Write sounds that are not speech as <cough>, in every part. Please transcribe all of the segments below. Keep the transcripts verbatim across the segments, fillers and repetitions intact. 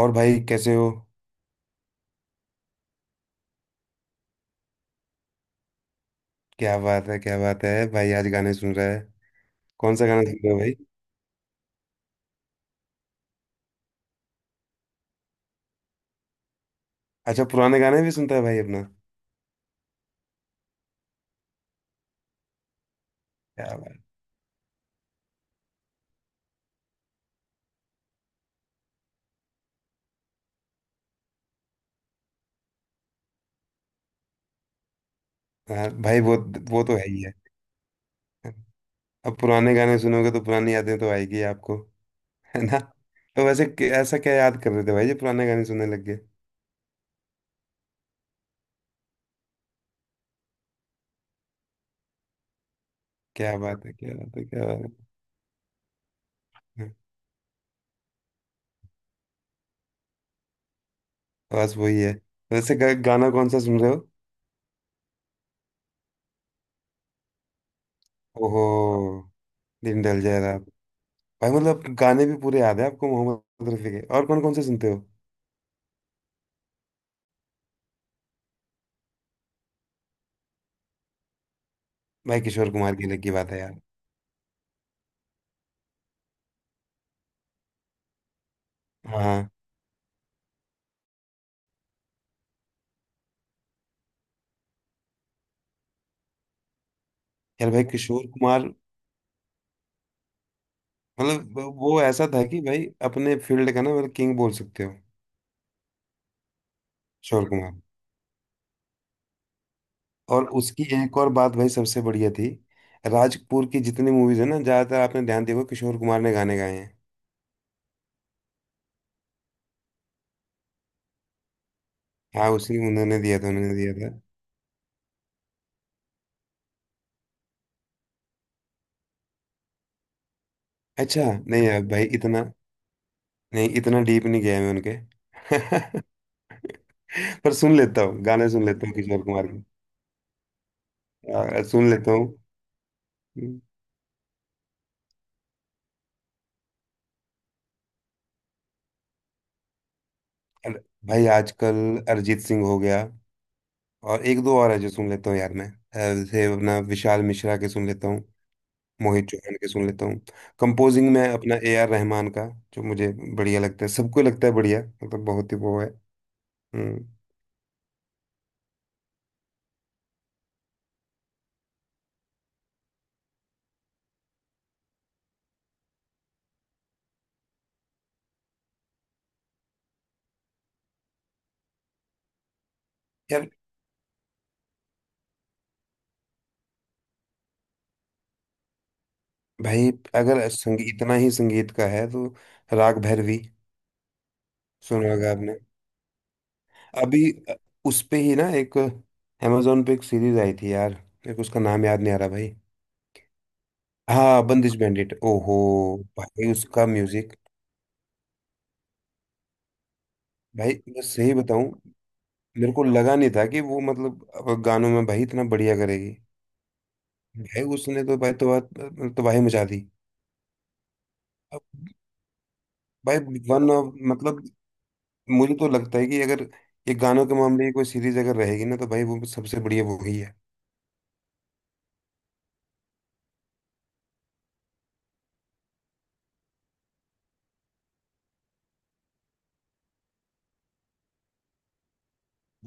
और भाई कैसे हो। क्या बात है क्या बात है, भाई आज गाने सुन रहा है। कौन सा गाना सुन रहे हो भाई। अच्छा, पुराने गाने भी सुनता है भाई अपना। क्या बात। हाँ भाई वो वो तो है ही है। अब पुराने गाने सुनोगे तो पुरानी यादें तो आएगी आपको। है ना। तो वैसे क- ऐसा क्या याद कर रहे थे भाई, ये पुराने गाने सुनने लग गए। क्या बात है क्या बात है क्या बात है। हाँ, बस वही है। वैसे ग- गाना कौन सा सुन रहे हो। ओहो, दिन ढल जाएगा। भाई मतलब गाने भी पूरे याद है आपको मोहम्मद रफी के, और कौन कौन से सुनते हो। भाई किशोर कुमार की अलग की बात है यार। हाँ। यार भाई किशोर कुमार, मतलब वो ऐसा था कि भाई अपने फील्ड का ना, मतलब किंग बोल सकते हो। किशोर कुमार। और उसकी एक और बात भाई सबसे बढ़िया थी। राज कपूर की जितनी मूवीज है ना, ज्यादातर आपने ध्यान दिया होगा किशोर कुमार ने गाने गाए हैं। हाँ उसी, उन्होंने दिया था, उन्होंने दिया था। अच्छा, नहीं यार भाई इतना, नहीं इतना डीप नहीं गया मैं उनके। <laughs> पर सुन लेता हूँ, गाने सुन लेता हूँ किशोर कुमार के। हाँ, सुन लेता हूँ। अर- भाई आजकल अरिजीत सिंह हो गया, और एक दो और है जो सुन लेता हूँ यार मैं, अ, जैसे अपना विशाल मिश्रा के सुन लेता हूँ। मोहित चौहान के सुन लेता हूँ। कंपोजिंग में अपना ए आर रहमान का, जो मुझे बढ़िया लगता है। सबको लगता है बढ़िया, मतलब बहुत ही वो है। हम्म, यार भाई अगर संगीत इतना ही संगीत का है तो राग भैरवी सुना होगा आपने। अभी अ, उस पे ही ना एक अमेजोन पे एक सीरीज आई थी यार, मेरे को उसका नाम याद नहीं आ रहा भाई। हाँ बंदिश बैंडिट, ओहो। भाई उसका म्यूजिक। भाई मैं सही बताऊं, मेरे को लगा नहीं था कि वो मतलब अब गानों में भाई इतना बढ़िया करेगी। भाई उसने तो भाई तो बात, तो भाई मचा दी। अब भाई वन ऑफ, मतलब मुझे तो लगता है कि अगर ये गानों के मामले की कोई सीरीज अगर रहेगी ना, तो भाई वो सबसे बढ़िया वो ही है।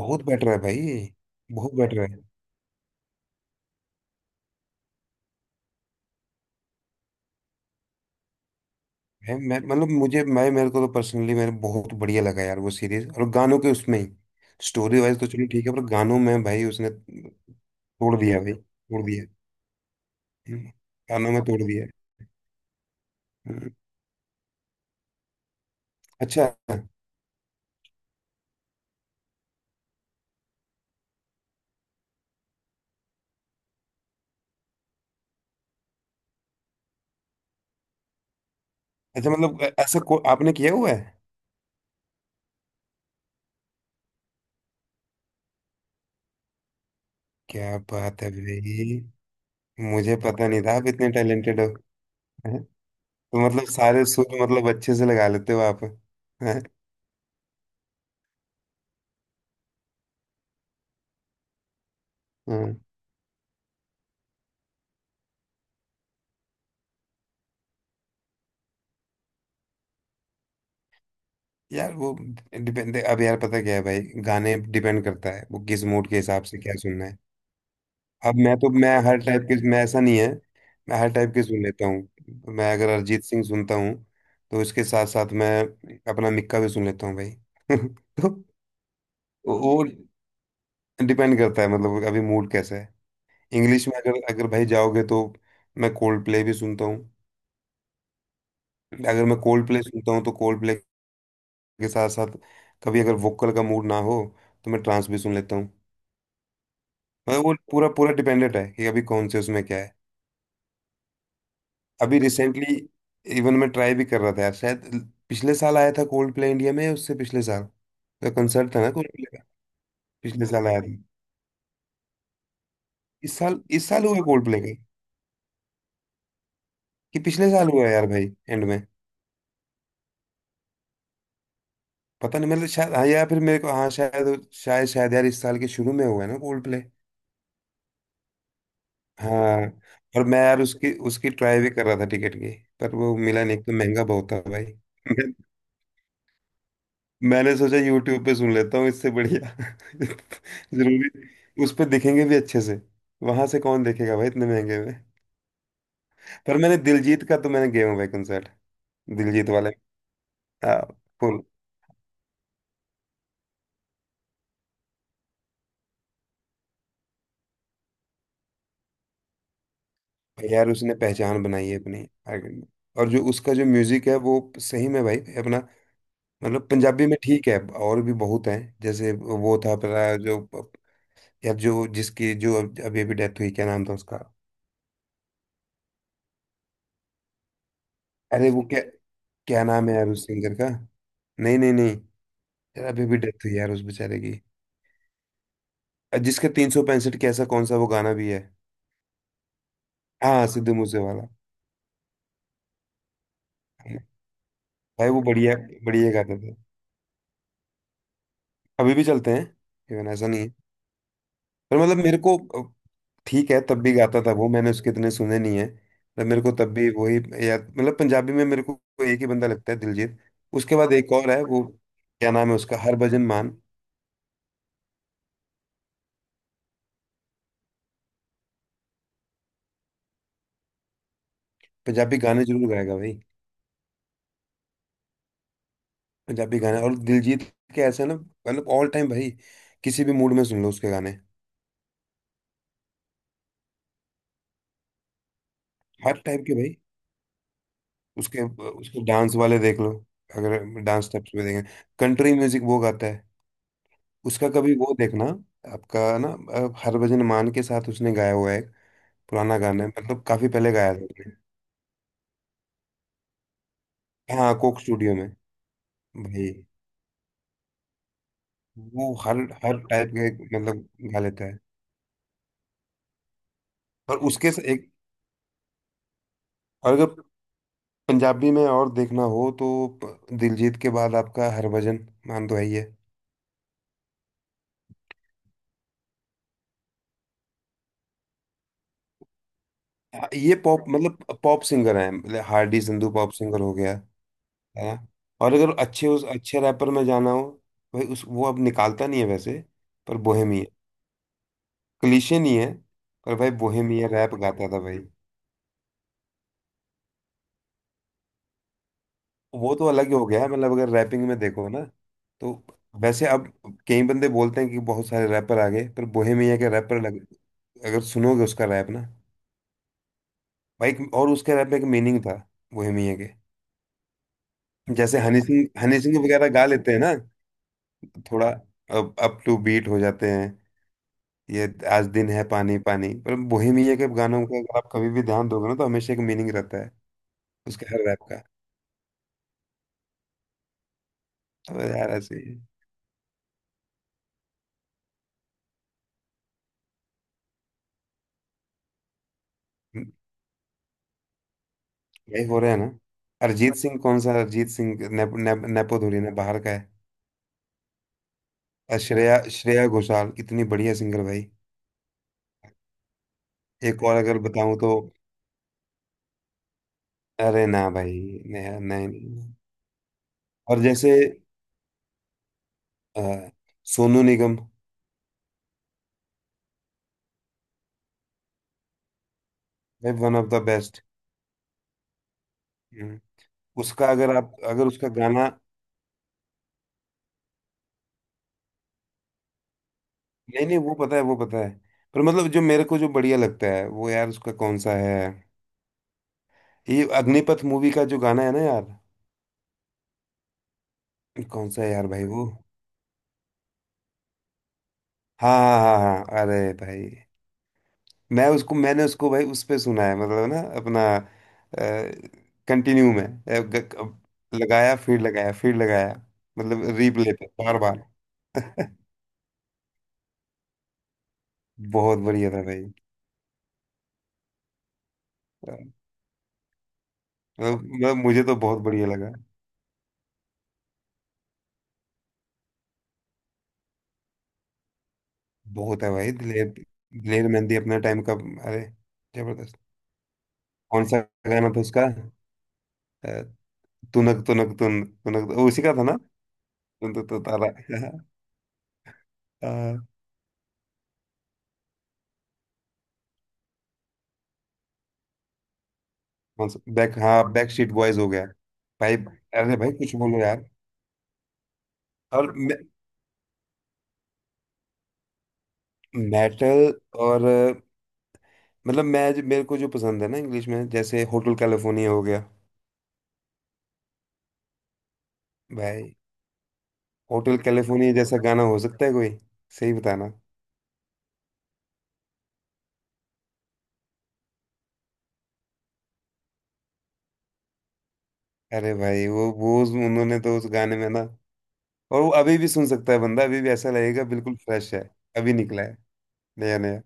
बहुत बेटर है भाई, बहुत बेटर है। है, मैं मतलब मुझे, मैं मेरे को तो पर्सनली मेरे बहुत बढ़िया लगा यार वो सीरीज और गानों के उसमें ही। स्टोरी वाइज तो चलो ठीक है, पर गानों में भाई उसने तोड़ दिया भाई, तोड़ दिया। हम्म, गानों में तोड़ दिया। हम्म, अच्छा। अच्छा मतलब ऐसा को आपने किया हुआ है। क्या बात है भाई, मुझे पता नहीं था आप इतने टैलेंटेड हो। हैं? तो मतलब सारे सुर मतलब अच्छे से लगा लेते हो आप। हैं? हम्म। यार वो डिपेंड, अब यार पता क्या है भाई, गाने डिपेंड करता है वो किस मूड के हिसाब से क्या सुनना है। अब मैं तो, मैं हर टाइप के, मैं ऐसा नहीं है, मैं हर टाइप के सुन लेता हूँ। मैं अगर अरिजीत सिंह सुनता हूँ, तो उसके साथ साथ मैं अपना मिक्का भी सुन लेता हूँ भाई। <laughs> तो वो डिपेंड करता है मतलब अभी मूड कैसा है। इंग्लिश में अगर, अगर भाई जाओगे तो मैं कोल्ड प्ले भी सुनता हूँ। अगर मैं कोल्ड प्ले सुनता हूँ तो कोल्ड प्ले के साथ साथ, कभी अगर वोकल का मूड ना हो तो मैं ट्रांस भी सुन लेता हूँ। मतलब वो पूरा पूरा डिपेंडेंट है कि अभी कौन से उसमें क्या है। अभी रिसेंटली इवन मैं ट्राई भी कर रहा था यार। शायद पिछले साल आया था कोल्ड प्ले इंडिया में, या उससे पिछले साल का कंसर्ट था ना कोल्ड प्ले का। पिछले साल आया था। इस साल, इस साल हुआ कोल्ड प्ले का। कि पिछले साल हुआ यार भाई एंड में। पता नहीं मतलब, शायद हाँ या फिर, मेरे को हाँ शायद शायद शायद यार इस साल के शुरू में हुआ है ना कोल्ड प्ले। हाँ। और मैं यार उसकी, उसकी ट्राई भी कर रहा था टिकट की। पर वो मिला नहीं, एक तो महंगा बहुत था भाई। मैं- मैंने सोचा यूट्यूब पे सुन लेता हूँ इससे बढ़िया। <laughs> जरूरी उस पे दिखेंगे भी अच्छे से, वहां से कौन देखेगा भाई इतने महंगे में। पर मैंने दिलजीत का, तो मैंने गया हूँ भाई कंसर्ट, दिलजीत वाले। आ, फुल। यार उसने पहचान बनाई है अपनी, आर्टिस्ट ने। और जो उसका जो म्यूजिक है वो सही में भाई अपना, मतलब पंजाबी में ठीक है, और भी बहुत है। जैसे वो था अपना जो, या जो जिसकी जो अब- अभी अभी डेथ हुई, क्या नाम था उसका। अरे वो क्या, क्या नाम है यार उस सिंगर का। नहीं नहीं नहीं, यार अभी अभी डेथ हुई यार उस बेचारे की, जिसका तीन सौ पैंसठ कैसा कौन सा वो गाना भी है। हाँ सिद्धू मूसे वाला। भाई वो बढ़िया, बढ़िया गाते थे। अभी भी चलते हैं। इवन ऐसा नहीं है। पर मतलब मेरे को, अ, ठीक है तब भी गाता था वो, मैंने उसके इतने सुने नहीं है। पर मेरे को तब भी वही याद, मतलब पंजाबी में मेरे को एक ही बंदा लगता है, दिलजीत। उसके बाद एक और है वो, क्या नाम है उसका, हरभजन मान। पंजाबी गाने जरूर गाएगा भाई। पंजाबी गाने, और दिलजीत के ऐसे ना, मतलब ऑल टाइम भाई किसी भी मूड में सुन लो उसके गाने। हर टाइप के भाई। उसके, उसके डांस वाले देख लो। अगर डांस स्टेप्स में देखें, कंट्री म्यूजिक वो गाता है। उसका कभी वो देखना, आपका ना अ, हरभजन मान के साथ उसने गाया हुआ है एक, पुराना गाना है, मतलब काफी पहले गाया था उसने। हाँ कोक स्टूडियो में। भाई वो हर, हर टाइप के मतलब गा लेता है। और उसके से एक और, अगर पंजाबी में और देखना हो तो प- दिलजीत के बाद आपका हरभजन मान तो है ही है। ये पॉप, मतलब पॉप सिंगर है हार्डी संधू, पॉप सिंगर हो गया। है ना। और अगर अच्छे, उस अच्छे रैपर में जाना हो, भाई उस वो अब निकालता नहीं है वैसे, पर बोहेमिया क्लीशे नहीं है। पर भाई बोहेमिया रैप गाता था भाई। वो तो अलग ही हो गया है, मतलब अगर रैपिंग में देखो ना, तो वैसे अब कई बंदे बोलते हैं कि बहुत सारे रैपर आ गए, पर बोहेमिया के रैपर लग। अगर सुनोगे उसका रैप ना, भाई एक- और उसके रैप में एक मीनिंग था, बोहेमिया के। जैसे हनी सिंह, हनी सिंह वगैरह गा लेते हैं ना, थोड़ा अप टू बीट हो जाते हैं। ये आज दिन है पानी पानी, पर बोहेमिया के गानों का अगर आप कभी भी ध्यान दोगे ना, तो हमेशा एक मीनिंग रहता है उसके हर रैप का। अब यार ऐसे ही। यही हो रहा है ना। अरिजीत सिंह कौन सा, अरिजीत सिंह नेप, नेप, नेपो धुरी ना, बाहर का है। और श्रेया, श्रेया घोषाल कितनी बढ़िया सिंगर भाई। एक और अगर बताऊं तो, अरे ना भाई, नहीं नहीं, नहीं। और जैसे अ, सोनू निगम, भाई वन ऑफ द बेस्ट। उसका अगर आप, अगर उसका गाना, नहीं नहीं वो पता है, वो पता है। पर मतलब जो मेरे को जो बढ़िया लगता है वो, यार उसका कौन सा है, ये अग्निपथ मूवी का जो गाना है ना यार। कौन सा है यार भाई वो। हाँ हाँ हाँ हाँ अरे भाई, मैं उसको, मैंने उसको भाई उस पे सुना है, मतलब ना अपना कंटिन्यू में, अ, ग- ग- लगाया फिर लगाया फिर लगाया। मतलब रिप्ले पे बार बार। <laughs> बहुत बढ़िया था भाई, मतलब, मतलब मुझे तो बहुत बढ़िया लगा। बहुत है भाई, दिलेर, दिलेर मेहंदी अपने टाइम का, अरे जबरदस्त। कौन सा गाना था उसका, अ, तुनक तुनक तुन तुनक, वो उसी का था ना। तुन तुन तुन तारा। <laughs> अ, कौन सा बैक, हाँ बैक स्ट्रीट बॉयज हो गया। भाई, अरे भाई कुछ बोलो यार। और मेटल। और अ, मतलब मैं जो, मेरे को जो पसंद है ना इंग्लिश में, जैसे होटल कैलिफोर्निया हो गया। भाई होटल कैलिफोर्निया जैसा गाना हो सकता है कोई, सही बताना। अरे भाई वो वो उस- उन्होंने तो उस गाने में ना, और वो अभी भी सुन सकता है बंदा, अभी भी ऐसा लगेगा बिल्कुल फ्रेश है, अभी निकला है, नया नया।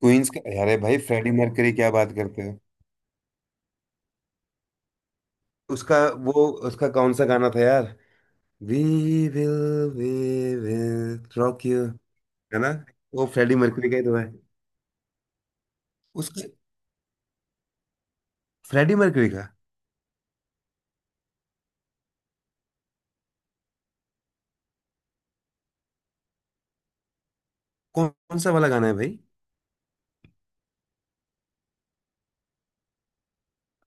क्वींस का यार भाई, फ्रेडी मर्करी क्या बात करते हो। उसका वो, उसका कौन सा गाना था यार, we will, we will rock you. है ना। वो फ्रेडी मर्करी का ही तो है, उसका, फ्रेडी मर्करी का। कौन कौन सा वाला गाना है भाई।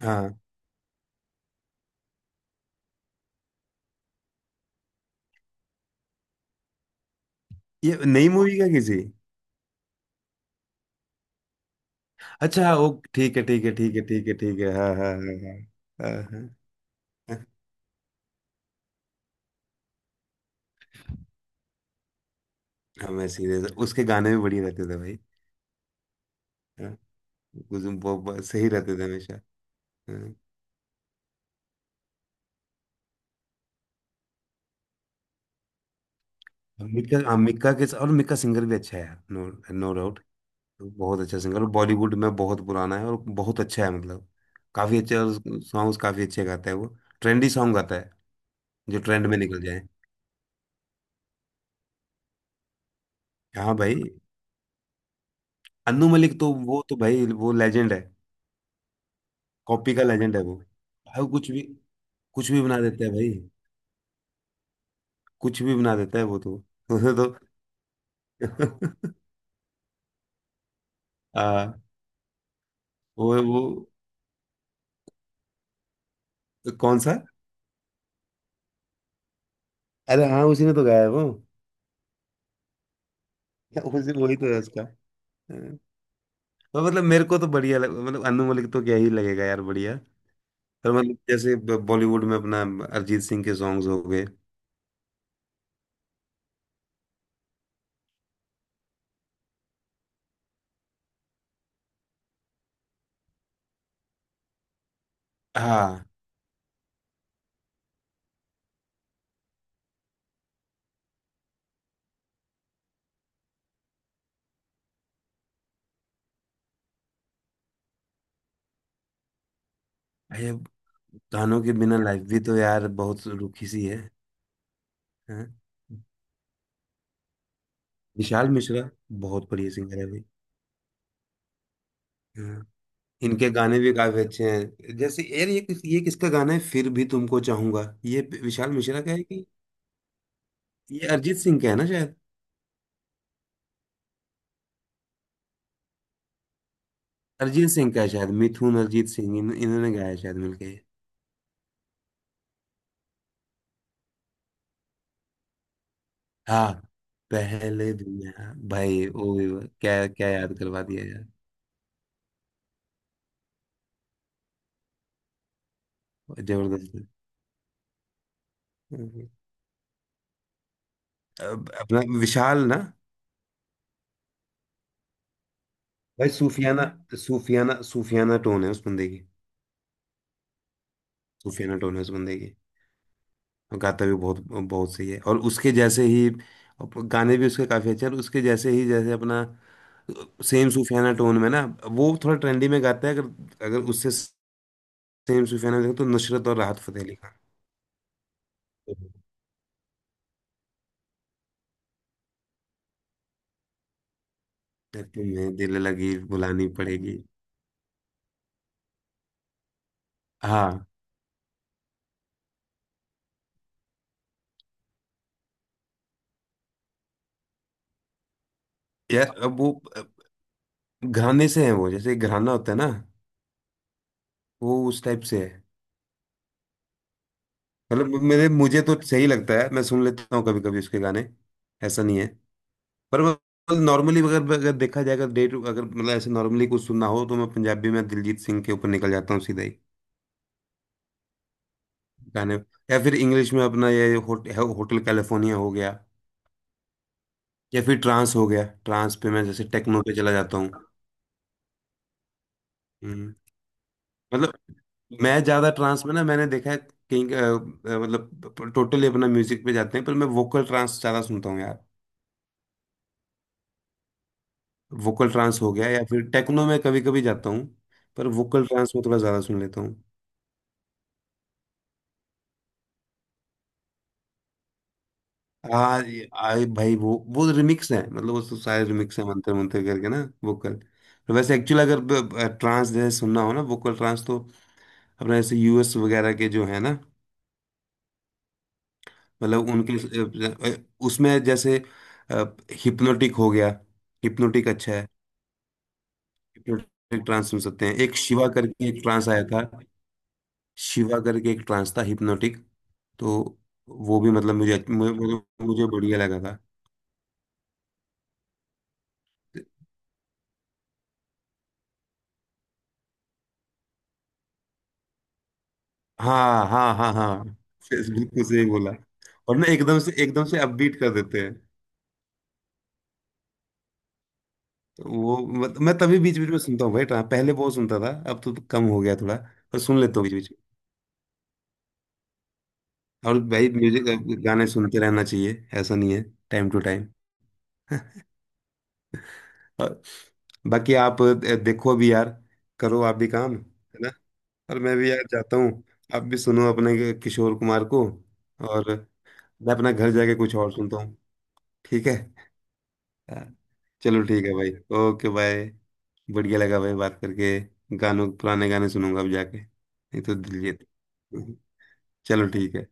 हाँ, ये नई मूवी का किसी। अच्छा वो ठीक है ठीक है ठीक है ठीक है ठीक है, हाँ हाँ हाँ हाँ हाँ हाँ। हाँ, हाँ, मैं सीरियस, उसके गाने भी बढ़िया रहते थे भाई। हाँ, कुछ वो वो सही रहते थे हमेशा। हाँ। मिक्का, हाँ मिक्का के, और मिक्का सिंगर भी अच्छा है यार। No, no doubt. बहुत अच्छा सिंगर, बॉलीवुड में बहुत पुराना है और बहुत अच्छा है, मतलब काफी अच्छे, और सॉन्ग्स काफी अच्छे गाता है वो। ट्रेंडी सॉन्ग गाता है, जो ट्रेंड में निकल जाए। हाँ भाई। अनु मलिक तो, वो तो भाई वो लेजेंड है। कॉपी का लेजेंड है वो भाई, वो कुछ भी, कुछ भी बना देता है। भाई कुछ भी बना देता है वो तो। <laughs> उसे तो। <laughs> आ, वो वो कौन सा? अरे हाँ, उसी ने तो गाया है वो। <laughs> उसी वही तो है उसका। हाँ। तो मतलब मेरे को तो बढ़िया लग मतलब अनु मलिक तो क्या ही लगेगा यार, बढ़िया। पर मतलब जैसे ब- बॉलीवुड में अपना अरिजीत सिंह के सॉन्ग्स हो गए। हाँ भाई। अब गानों के बिना लाइफ भी तो यार बहुत रुखी सी है। हाँ, विशाल मिश्रा बहुत बढ़िया सिंगर है भाई। हाँ, इनके गाने भी काफी अच्छे हैं। जैसे यार, ये किस- ये किसका गाना है फिर भी तुमको चाहूंगा, ये विशाल मिश्रा का है कि ये अरिजीत सिंह का है ना शायद? अरिजीत सिंह का है शायद, मिथुन अरिजीत सिंह इन, इन्होंने गाया है शायद मिलके। हाँ, पहले दुनिया भाई वो भी। क्या क्या याद करवा दिया यार। जबरदस्त है। हम्म। अब अपना विशाल ना भाई, सूफियाना सूफियाना सूफियाना टोन है उस बंदे की। सूफियाना टोन है उस बंदे की। और गाता भी बहुत बहुत सही है और उसके जैसे ही और गाने भी उसके काफी अच्छे हैं। और उसके जैसे ही जैसे अपना सेम सूफियाना टोन में ना, वो थोड़ा ट्रेंडी में गाता है। अगर अगर उससे सेम सूफियाना देखो तो नुसरत और राहत फतेह अली खान। तुम्हें दिल लगी बुलानी पड़ेगी। हाँ यार, अब वो, अब घराने से है वो। जैसे घराना होता है ना, वो उस टाइप से है। मतलब मेरे मुझे तो सही लगता है, मैं सुन लेता हूँ कभी कभी उसके गाने। ऐसा नहीं है। पर नॉर्मली अगर अगर देखा जाए, अगर डे टू अगर मतलब ऐसे नॉर्मली कुछ सुनना हो तो मैं पंजाबी में दिलजीत सिंह के ऊपर निकल जाता हूँ सीधा ही, गाने। या फिर इंग्लिश में अपना ये होट, होटल कैलिफोर्निया हो गया। या फिर ट्रांस हो गया। ट्रांस पे मैं जैसे टेक्नो पे चला जाता हूँ। हम्म। मतलब मैं ज्यादा ट्रांस में ना, मैंने देखा है कहीं अ, अ, मतलब टोटली अपना म्यूजिक पे जाते हैं, पर मैं वोकल ट्रांस ज्यादा सुनता हूँ यार। वोकल ट्रांस हो गया या फिर टेक्नो में कभी कभी जाता हूँ। पर वोकल ट्रांस में थोड़ा ज्यादा सुन लेता हूँ। आ, ये- आ ये भाई, वो वो रिमिक्स है। मतलब वो तो सारे रिमिक्स है, मंत्र मंत्र करके ना वोकल। तो वैसे एक्चुअली अगर ट्रांस जैसे सुनना हो ना, वोकल ट्रांस, तो अपना जैसे यूएस वगैरह के जो है ना, मतलब उनके अ, अ, उसमें जैसे हिप्नोटिक हो गया। हिप्नोटिक अच्छा है। हिप्नोटिक ट्रांस सुन सकते हैं। एक शिवा करके एक ट्रांस आया था। शिवा करके एक ट्रांस था हिप्नोटिक। तो वो भी मतलब मुझे मुझे, मुझे मुझे बढ़िया लगा था। हाँ हाँ हाँ हाँ, बिल्कुल सही बोला। और ना एकदम से, एकदम से अपबीट कर देते हैं। तो वो मत, मैं तभी बीच बीच में सुनता हूँ भाई। ट्रांस पहले बहुत सुनता था, अब तो कम हो गया थोड़ा। पर सुन लेता हूँ बीच बीच में। और भाई म्यूजिक, गाने सुनते रहना चाहिए। ऐसा नहीं है। Time to time. <laughs> और बाकी आप अ, देखो भी यार, करो आप भी, काम है ना, और मैं भी यार जाता हूँ। आप भी सुनो अपने के- किशोर कुमार को, और मैं अपना घर जाके कुछ और सुनता हूँ। ठीक है। हाँ, चलो ठीक है भाई। Okay, bye. बढ़िया लगा भाई बात करके। गानों पुराने गाने सुनूंगा अब जाके, नहीं तो दिल जीत। चलो ठीक है।